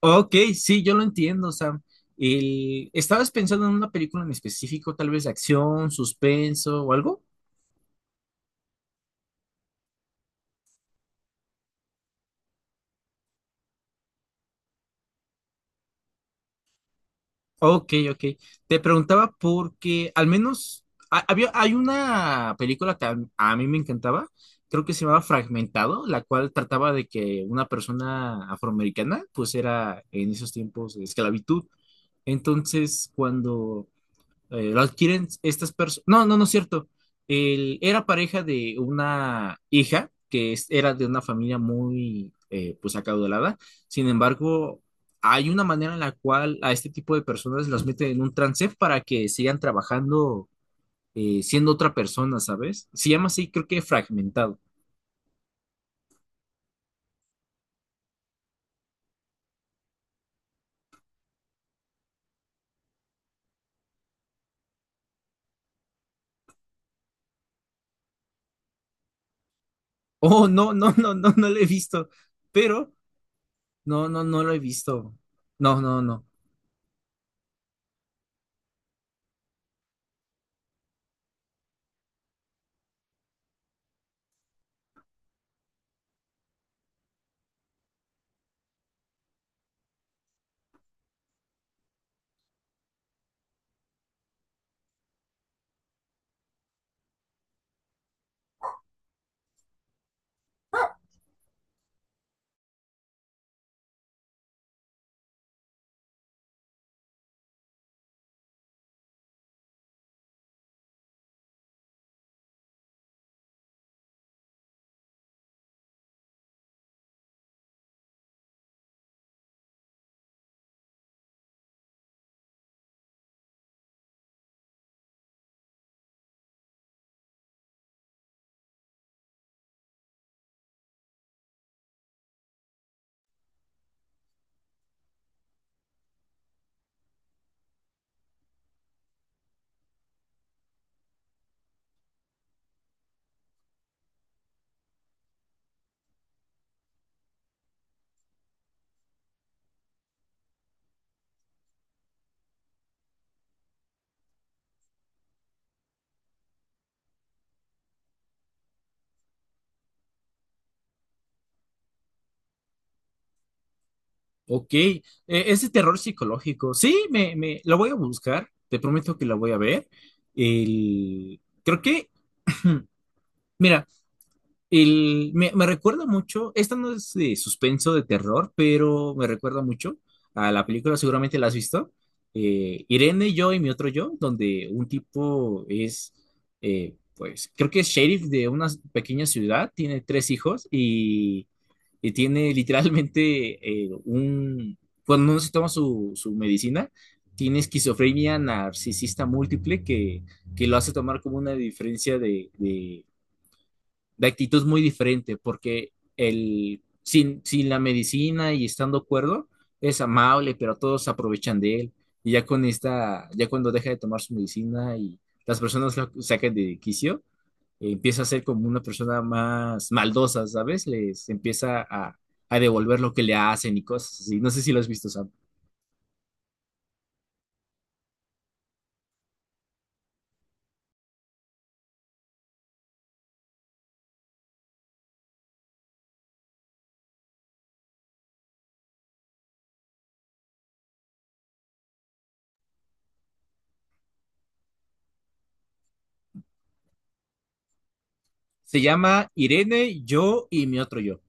Ok, sí, yo lo entiendo, Sam. El... ¿Estabas pensando en una película en específico, tal vez de acción, suspenso o algo? Ok, ok. Te preguntaba porque al menos había, hay una película que a mí me encantaba, creo que se llamaba Fragmentado, la cual trataba de que una persona afroamericana pues era en esos tiempos de esclavitud. Entonces, cuando lo adquieren estas personas. No, no, no es cierto. Él era pareja de una hija que era de una familia muy, pues, acaudalada. Sin embargo, hay una manera en la cual a este tipo de personas las meten en un trance para que sigan trabajando siendo otra persona, ¿sabes? Se llama así, creo que fragmentado. Oh, no, no, no, no, no lo he visto. Pero, no, no, no lo he visto. No, no, no. Ok, es terror psicológico. Sí, me lo voy a buscar, te prometo que la voy a ver. Creo que, mira, el, me recuerda mucho, esta no es de suspenso de terror, pero me recuerda mucho a la película, seguramente la has visto, Irene, yo y mi otro yo, donde un tipo es, pues, creo que es sheriff de una pequeña ciudad, tiene tres hijos y tiene literalmente un... Cuando no se toma su medicina, tiene esquizofrenia narcisista múltiple que lo hace tomar como una diferencia de actitud muy diferente, porque el, sin la medicina y estando cuerdo, es amable, pero todos se aprovechan de él. Y ya con esta, ya cuando deja de tomar su medicina y las personas lo sacan de quicio, empieza a ser como una persona más maldosa, ¿sabes? Les empieza a devolver lo que le hacen y cosas así. No sé si lo has visto, Sam. Se llama Irene, yo y mi otro yo.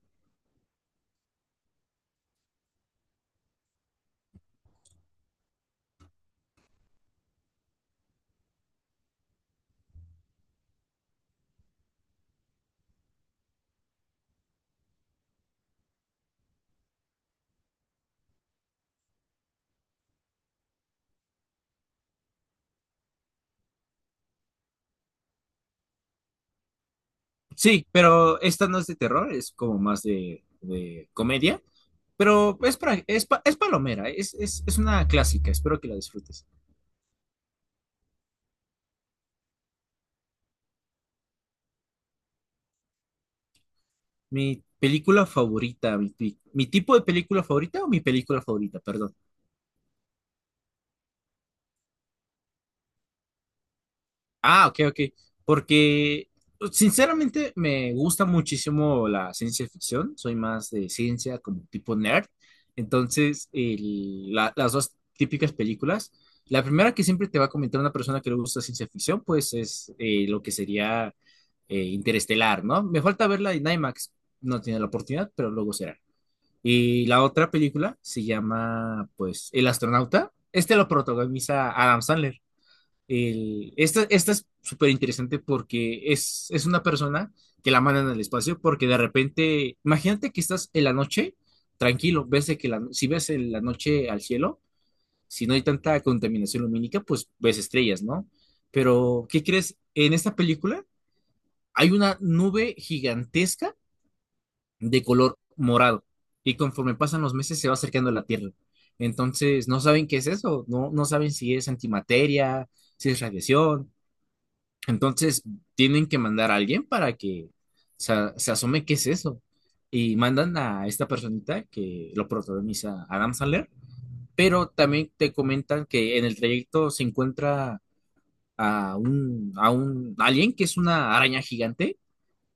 Sí, pero esta no es de terror, es como más de comedia. Pero es palomera, es una clásica, espero que la disfrutes. Mi película favorita, mi tipo de película favorita o mi película favorita, perdón. Ah, ok, ok. Porque pues, sinceramente me gusta muchísimo la ciencia ficción. Soy más de ciencia como tipo nerd. Entonces, las dos típicas películas. La primera que siempre te va a comentar una persona que le gusta ciencia ficción, pues es lo que sería Interestelar, ¿no? Me falta verla en IMAX. No tiene la oportunidad, pero luego será. Y la otra película se llama, pues, El astronauta. Este lo protagoniza Adam Sandler. Esta es súper interesante porque es una persona que la mandan al espacio porque de repente, imagínate que estás en la noche, tranquilo, ves de que la, si ves en la noche al cielo, si no hay tanta contaminación lumínica, pues ves estrellas, ¿no? Pero, ¿qué crees? En esta película hay una nube gigantesca de color morado y conforme pasan los meses se va acercando a la Tierra. Entonces, no saben qué es eso, no, no saben si es antimateria, si es radiación entonces, tienen que mandar a alguien para que se asome qué es eso. Y mandan a esta personita que lo protagoniza Adam Sandler, pero también te comentan que en el trayecto se encuentra a a un alien que es una araña gigante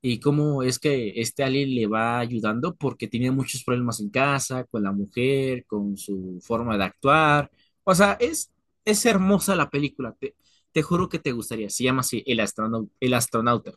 y cómo es que este Ali le va ayudando porque tenía muchos problemas en casa, con la mujer, con su forma de actuar. O sea, es hermosa la película, te juro que te gustaría. Se llama así El astronauta, El astronauta.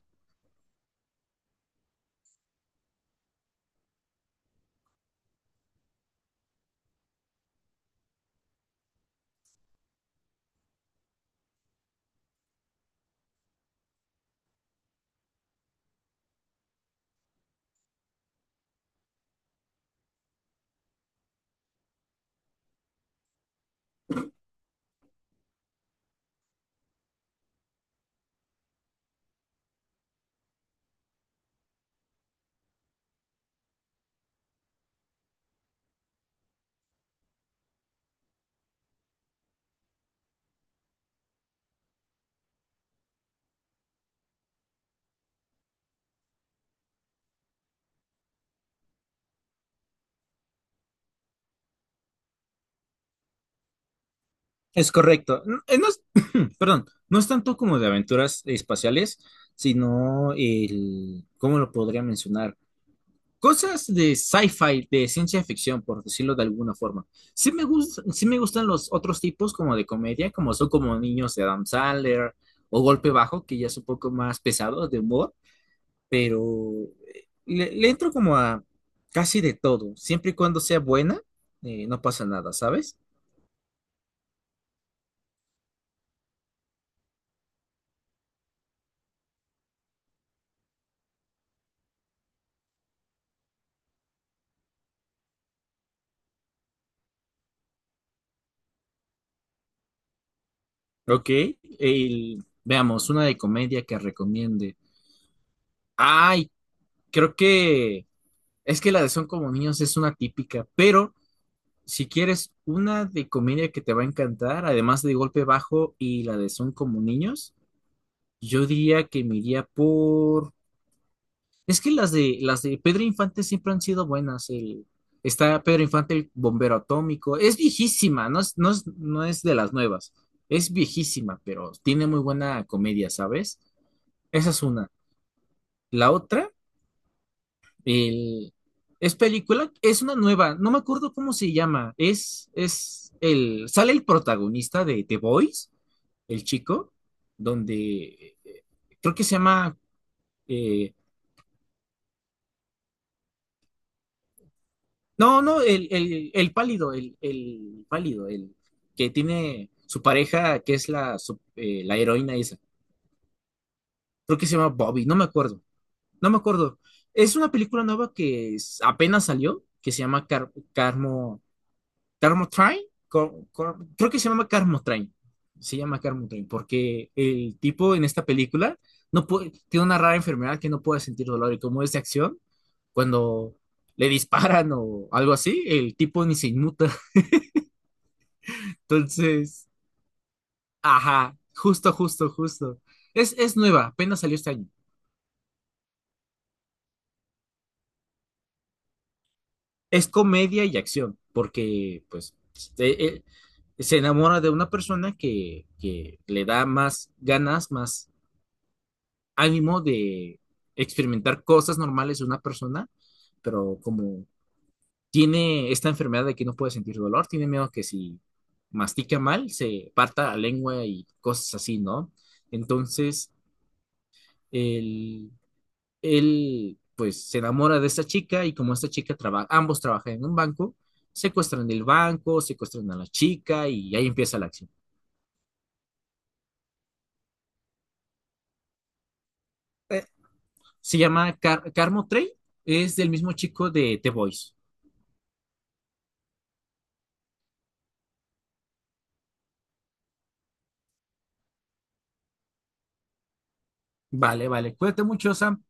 Es correcto. No, no perdón, no es tanto como de aventuras espaciales, sino el, ¿cómo lo podría mencionar? Cosas de sci-fi, de ciencia ficción, por decirlo de alguna forma. Sí me gustan los otros tipos como de comedia, como son como Niños de Adam Sandler o Golpe Bajo, que ya es un poco más pesado de humor, pero le entro como a casi de todo. Siempre y cuando sea buena, no pasa nada, ¿sabes? Ok, veamos, una de comedia que recomiende. Ay, creo que es que la de Son como niños es una típica, pero... Si quieres una de comedia que te va a encantar, además de Golpe Bajo y la de Son como niños, yo diría que me iría por... Es que las de Pedro Infante siempre han sido buenas. El... Está Pedro Infante, el bombero atómico. Es viejísima, no es de las nuevas. Es viejísima, pero tiene muy buena comedia, ¿sabes? Esa es una. La otra El, es película, es una nueva, no me acuerdo cómo se llama. Sale el protagonista de The Boys, el chico, donde creo que se llama, eh, no, no, el pálido, el pálido, el que tiene su pareja, que es la heroína esa. Creo que se llama Bobby, no me acuerdo, no me acuerdo. Es una película nueva que apenas salió, que se llama Car- Carmo Carmo Train, Cor- Cor- creo que se llama Carmo Train, se llama Carmo Train, porque el tipo en esta película no puede, tiene una rara enfermedad que no puede sentir dolor y como es de acción, cuando le disparan o algo así, el tipo ni se inmuta. Entonces, ajá, justo, justo, justo. Es nueva, apenas salió este año. Es comedia y acción, porque pues este, se enamora de una persona que le da más ganas, más ánimo de experimentar cosas normales de una persona, pero como tiene esta enfermedad de que no puede sentir dolor, tiene miedo que si mastica mal se parta la lengua y cosas así, ¿no? Entonces, él, él pues se enamora de esta chica y como esta chica trabaja, ambos trabajan en un banco, secuestran el banco, secuestran a la chica y ahí empieza la acción. Eh, se llama Car Carmo Trey, es del mismo chico de The Voice. Vale, vale, cuídate mucho, Sam.